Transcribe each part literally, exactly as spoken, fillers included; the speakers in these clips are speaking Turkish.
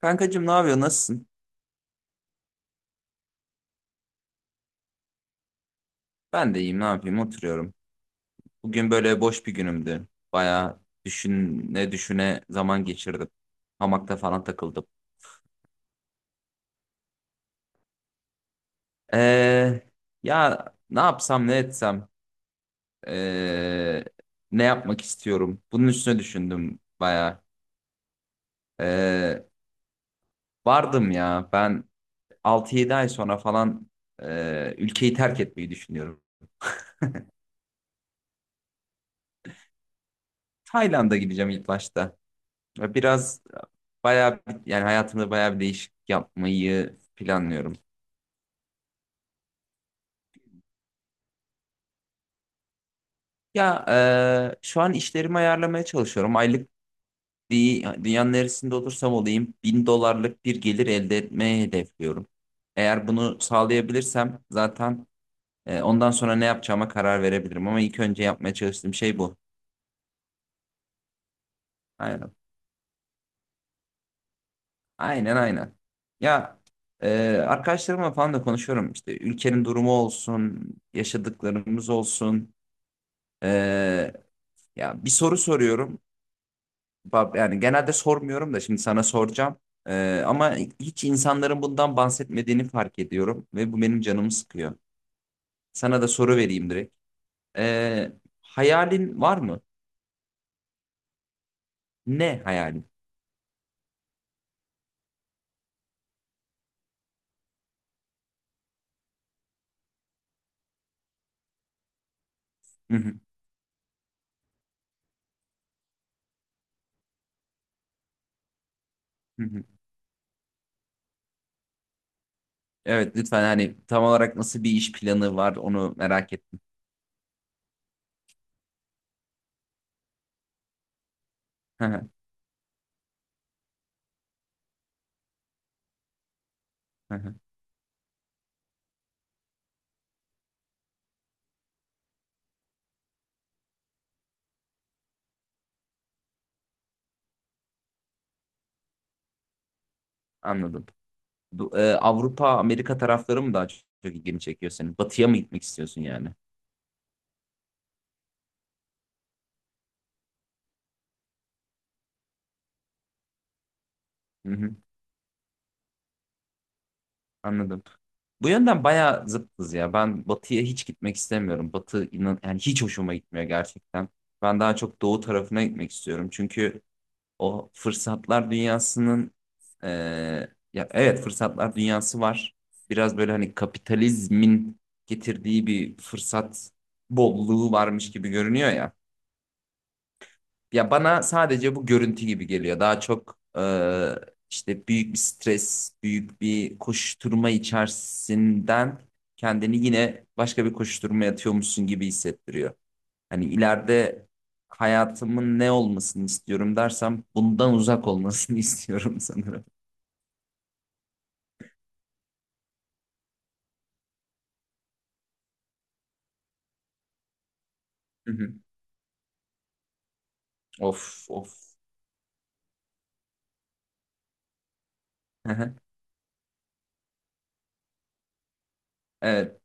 Kankacığım ne yapıyor? Nasılsın? Ben de iyiyim. Ne yapayım? Oturuyorum. Bugün böyle boş bir günümdü. Bayağı düşüne düşüne zaman geçirdim. Hamakta falan takıldım. Ee, ya ne yapsam ne etsem ee, ne yapmak istiyorum? Bunun üstüne düşündüm bayağı. Ee, vardım ya ben altı yedi ay sonra falan ee, ülkeyi terk etmeyi düşünüyorum. Tayland'a gideceğim ilk başta. Ya Biraz bayağı bir- yani hayatımda bayağı bir değişiklik yapmayı planlıyorum. Ya e, şu an işlerimi ayarlamaya çalışıyorum. Aylık dü- dünyanın neresinde olursam olayım bin dolarlık bir gelir elde etmeyi hedefliyorum. Eğer bunu sağlayabilirsem zaten e, ondan sonra ne yapacağıma karar verebilirim. Ama ilk önce yapmaya çalıştığım şey bu. Aynen. Aynen aynen. Ya e, arkadaşlarımla falan da konuşuyorum. İşte ülkenin durumu olsun, yaşadıklarımız olsun. Ya bir soru soruyorum. Bab- Yani genelde sormuyorum da şimdi sana soracağım. Ee, ama hiç insanların bundan bahsetmediğini fark ediyorum ve bu benim canımı sıkıyor. Sana da soru vereyim direkt. Ee, hayalin var mı? Ne hayalin? Hı hı, hı hı. Evet, lütfen hani tam olarak nasıl bir iş planı var onu merak ettim. Hı hı, hı hı. Anladım. Bu, e, Avrupa, Amerika tarafları mı daha çok ilgini çekiyor senin? Batıya mı gitmek istiyorsun yani? Anladım. Bu yönden bayağı zıttız ya. Ben batıya hiç gitmek istemiyorum. Batı inan yani hiç hoşuma gitmiyor gerçekten. Ben daha çok doğu tarafına gitmek istiyorum. Çünkü o fırsatlar dünyasının e, ya evet fırsatlar dünyası var. Biraz böyle hani kapitalizmin getirdiği bir fırsat bolluğu varmış gibi görünüyor ya. Ya bana sadece bu görüntü gibi geliyor. Daha çok e, işte büyük bir stres, büyük bir koşturma içerisinden kendini yine başka bir koşturmaya atıyormuşsun gibi hissettiriyor. Hani ileride hayatımın ne olmasını istiyorum dersem bundan uzak olmasını istiyorum sanırım. Hı hı. Of of. Hı hı. Evet,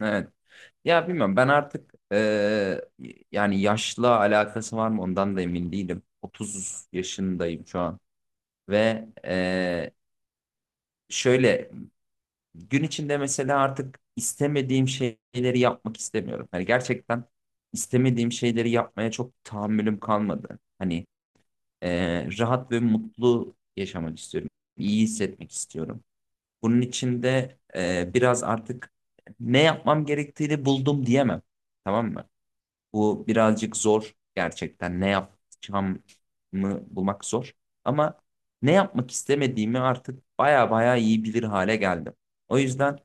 evet. Ya bilmiyorum ben artık eee, yani yaşla alakası var mı ondan da emin değilim. Otuz yaşındayım şu an. Ve eee, şöyle gün içinde mesela artık istemediğim şeyleri yapmak istemiyorum. Hani gerçekten istemediğim şeyleri yapmaya çok tahammülüm kalmadı. Hani eee, rahat ve mutlu yaşamak istiyorum. İyi hissetmek istiyorum. Bunun için de eee, biraz artık ne yapmam gerektiğini buldum diyemem. Tamam mı? Bu birazcık zor gerçekten. Ne yapacağımı bulmak zor. Ama ne yapmak istemediğimi artık baya baya iyi bilir hale geldim. O yüzden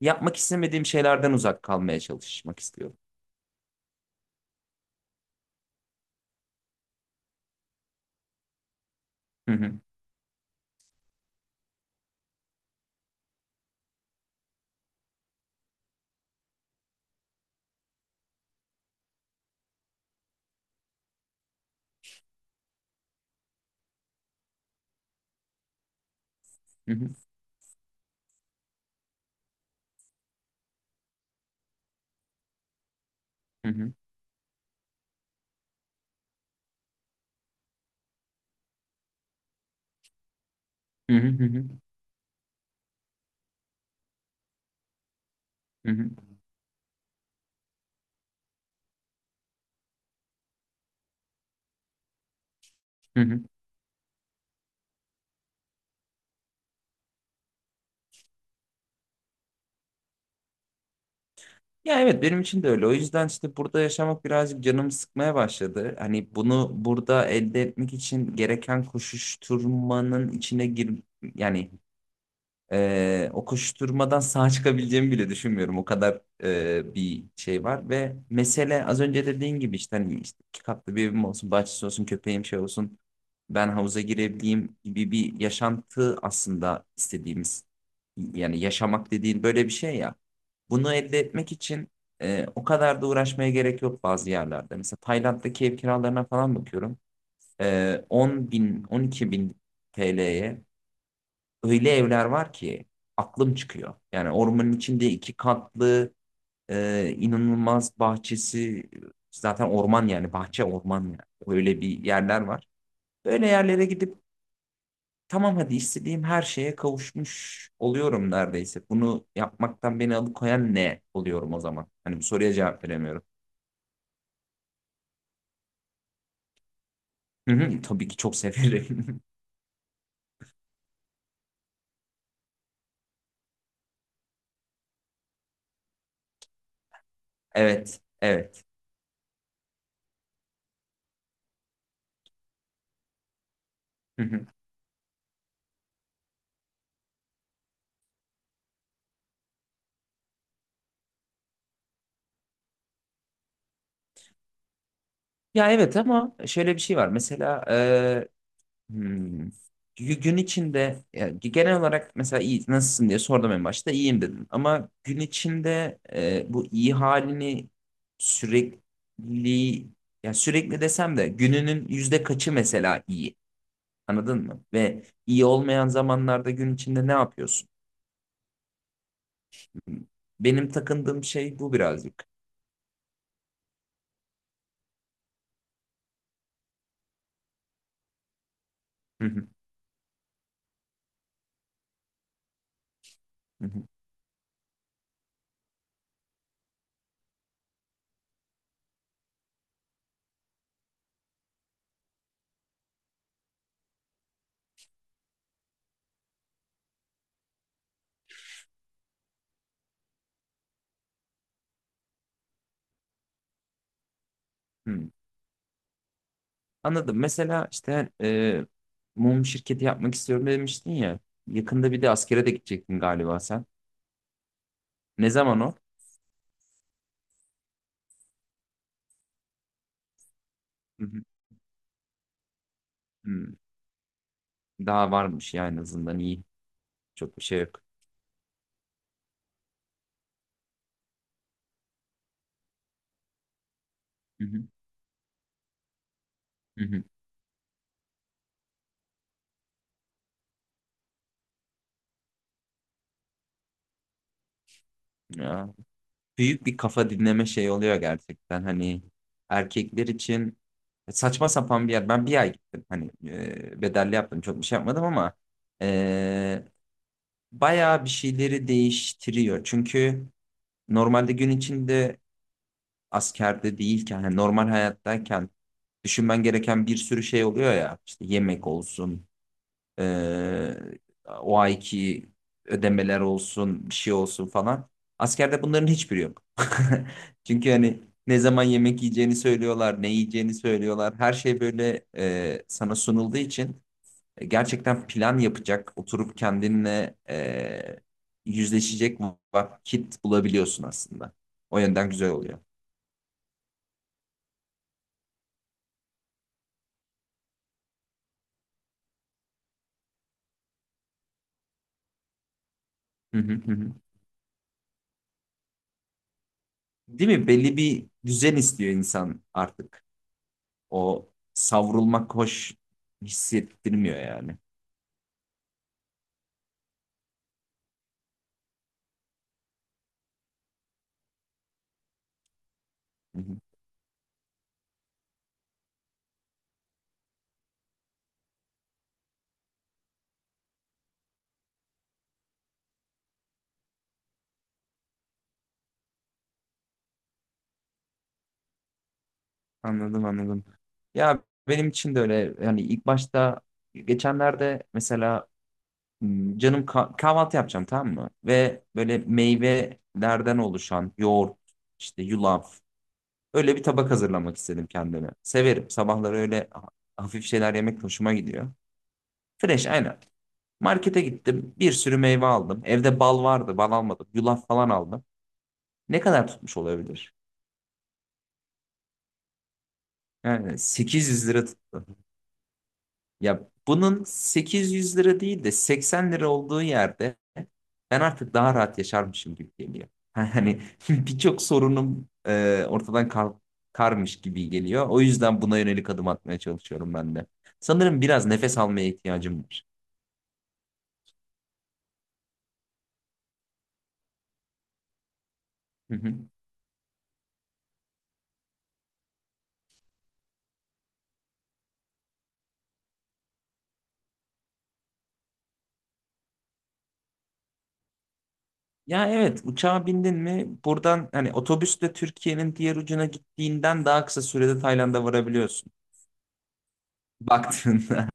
yapmak istemediğim şeylerden uzak kalmaya çalışmak istiyorum. Hı hı, hı hı, hı hı, hı hı, hı hı, hı hı, hı hı. Ya evet benim için de öyle. O yüzden işte burada yaşamak birazcık canımı sıkmaya başladı. Hani bunu burada elde etmek için gereken koşuşturmanın içine gir yani, Ee, o koşuşturmadan sağ çıkabileceğimi bile düşünmüyorum. O kadar e, bir şey var ve mesele az önce dediğin gibi işte hani işte iki katlı bir evim olsun, bahçesi olsun, köpeğim şey olsun, ben havuza girebileyim gibi bir yaşantı aslında istediğimiz yani yaşamak dediğin böyle bir şey ya. Bunu elde etmek için e, o kadar da uğraşmaya gerek yok bazı yerlerde. Mesela Tayland'daki ev kiralarına falan bakıyorum. E, on bin, on iki bin T L'ye öyle evler var ki aklım çıkıyor. Yani ormanın içinde iki katlı e, inanılmaz bahçesi, zaten orman yani, bahçe orman yani. Öyle bir yerler var. Böyle yerlere gidip tamam hadi istediğim her şeye kavuşmuş oluyorum neredeyse. Bunu yapmaktan beni alıkoyan ne oluyorum o zaman? Hani bu soruya cevap veremiyorum. Hı hı, tabii ki çok severim. Evet, evet. Hı hı. Ya evet ama şöyle bir şey var. Mesela. Hmm. Gü- Gün içinde ya, genel olarak mesela iyi nasılsın diye sordum en başta iyiyim dedim. Ama gün içinde e, bu iyi halini sürekli, ya sürekli desem de gününün yüzde kaçı mesela iyi, anladın mı? Ve iyi olmayan zamanlarda gün içinde ne yapıyorsun? Hmm. Benim takındığım şey bu birazcık. Hı hı, hı hı, hı. Anladım. Mesela işte e, mum şirketi yapmak istiyorum demiştin ya. Yakında bir de askere de gidecektin galiba sen. Ne zaman o? Hı hı. Hmm. Daha varmış ya en azından iyi. Çok bir şey yok. Hı hı. Hı hı. Ya, büyük bir kafa dinleme şey oluyor gerçekten. Hani erkekler için saçma sapan bir yer. Ben bir ay gittim. Hani e, bedelli yaptım. Çok bir şey yapmadım ama e, bayağı bir şeyleri değiştiriyor. Çünkü normalde gün içinde askerde değilken, hani normal hayattayken düşünmen gereken bir sürü şey oluyor ya. İşte yemek olsun, Ee, o ayki ödemeler olsun, bir şey olsun falan. Askerde bunların hiçbiri yok. Çünkü hani ne zaman yemek yiyeceğini söylüyorlar, ne yiyeceğini söylüyorlar. Her şey böyle e, sana sunulduğu için e, gerçekten plan yapacak, oturup kendinle e, yüzleşecek vakit bulabiliyorsun aslında. O yönden güzel oluyor. Hı hı hı. Hı. Değil mi? Belli bir düzen istiyor insan artık. O savrulmak hoş hissettirmiyor yani. Hı hı. Anladım anladım. Ya benim için de öyle yani ilk başta geçenlerde mesela m, canım ka- kahvaltı yapacağım, tamam mı? Ve böyle meyvelerden oluşan yoğurt, işte yulaf, öyle bir tabak hazırlamak istedim kendime. Severim sabahları, öyle ha- hafif şeyler yemek hoşuma gidiyor. Fresh aynen. Markete gittim, bir sürü meyve aldım. Evde bal vardı, bal almadım. Yulaf falan aldım. Ne kadar tutmuş olabilir? Yani sekiz yüz lira tuttu. Ya bunun sekiz yüz lira değil de seksen lira olduğu yerde ben artık daha rahat yaşarmışım gibi geliyor. Hani birçok sorunum e, ortadan kal- karmış gibi geliyor. O yüzden buna yönelik adım atmaya çalışıyorum ben de. Sanırım biraz nefes almaya ihtiyacım var. Hı hı. Ya evet, uçağa bindin mi buradan hani otobüsle Türkiye'nin diğer ucuna gittiğinden daha kısa sürede Tayland'a varabiliyorsun. Baktığında.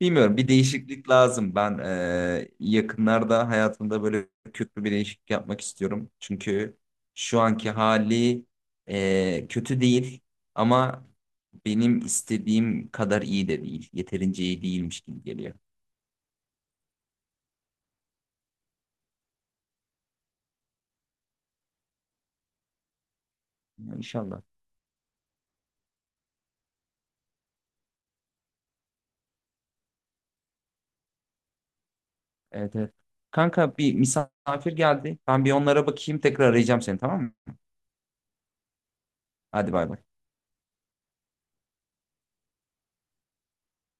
Bilmiyorum, bir değişiklik lazım. Ben eee, yakınlarda hayatımda böyle köklü bir değişiklik yapmak istiyorum. Çünkü şu anki hali eee, kötü değil ama benim istediğim kadar iyi de değil. Yeterince iyi değilmiş gibi geliyor. Yani İnşallah. Evet, evet. Kanka, bir misafir geldi. Ben bir onlara bakayım, tekrar arayacağım seni, tamam mı? Hadi, bay bay.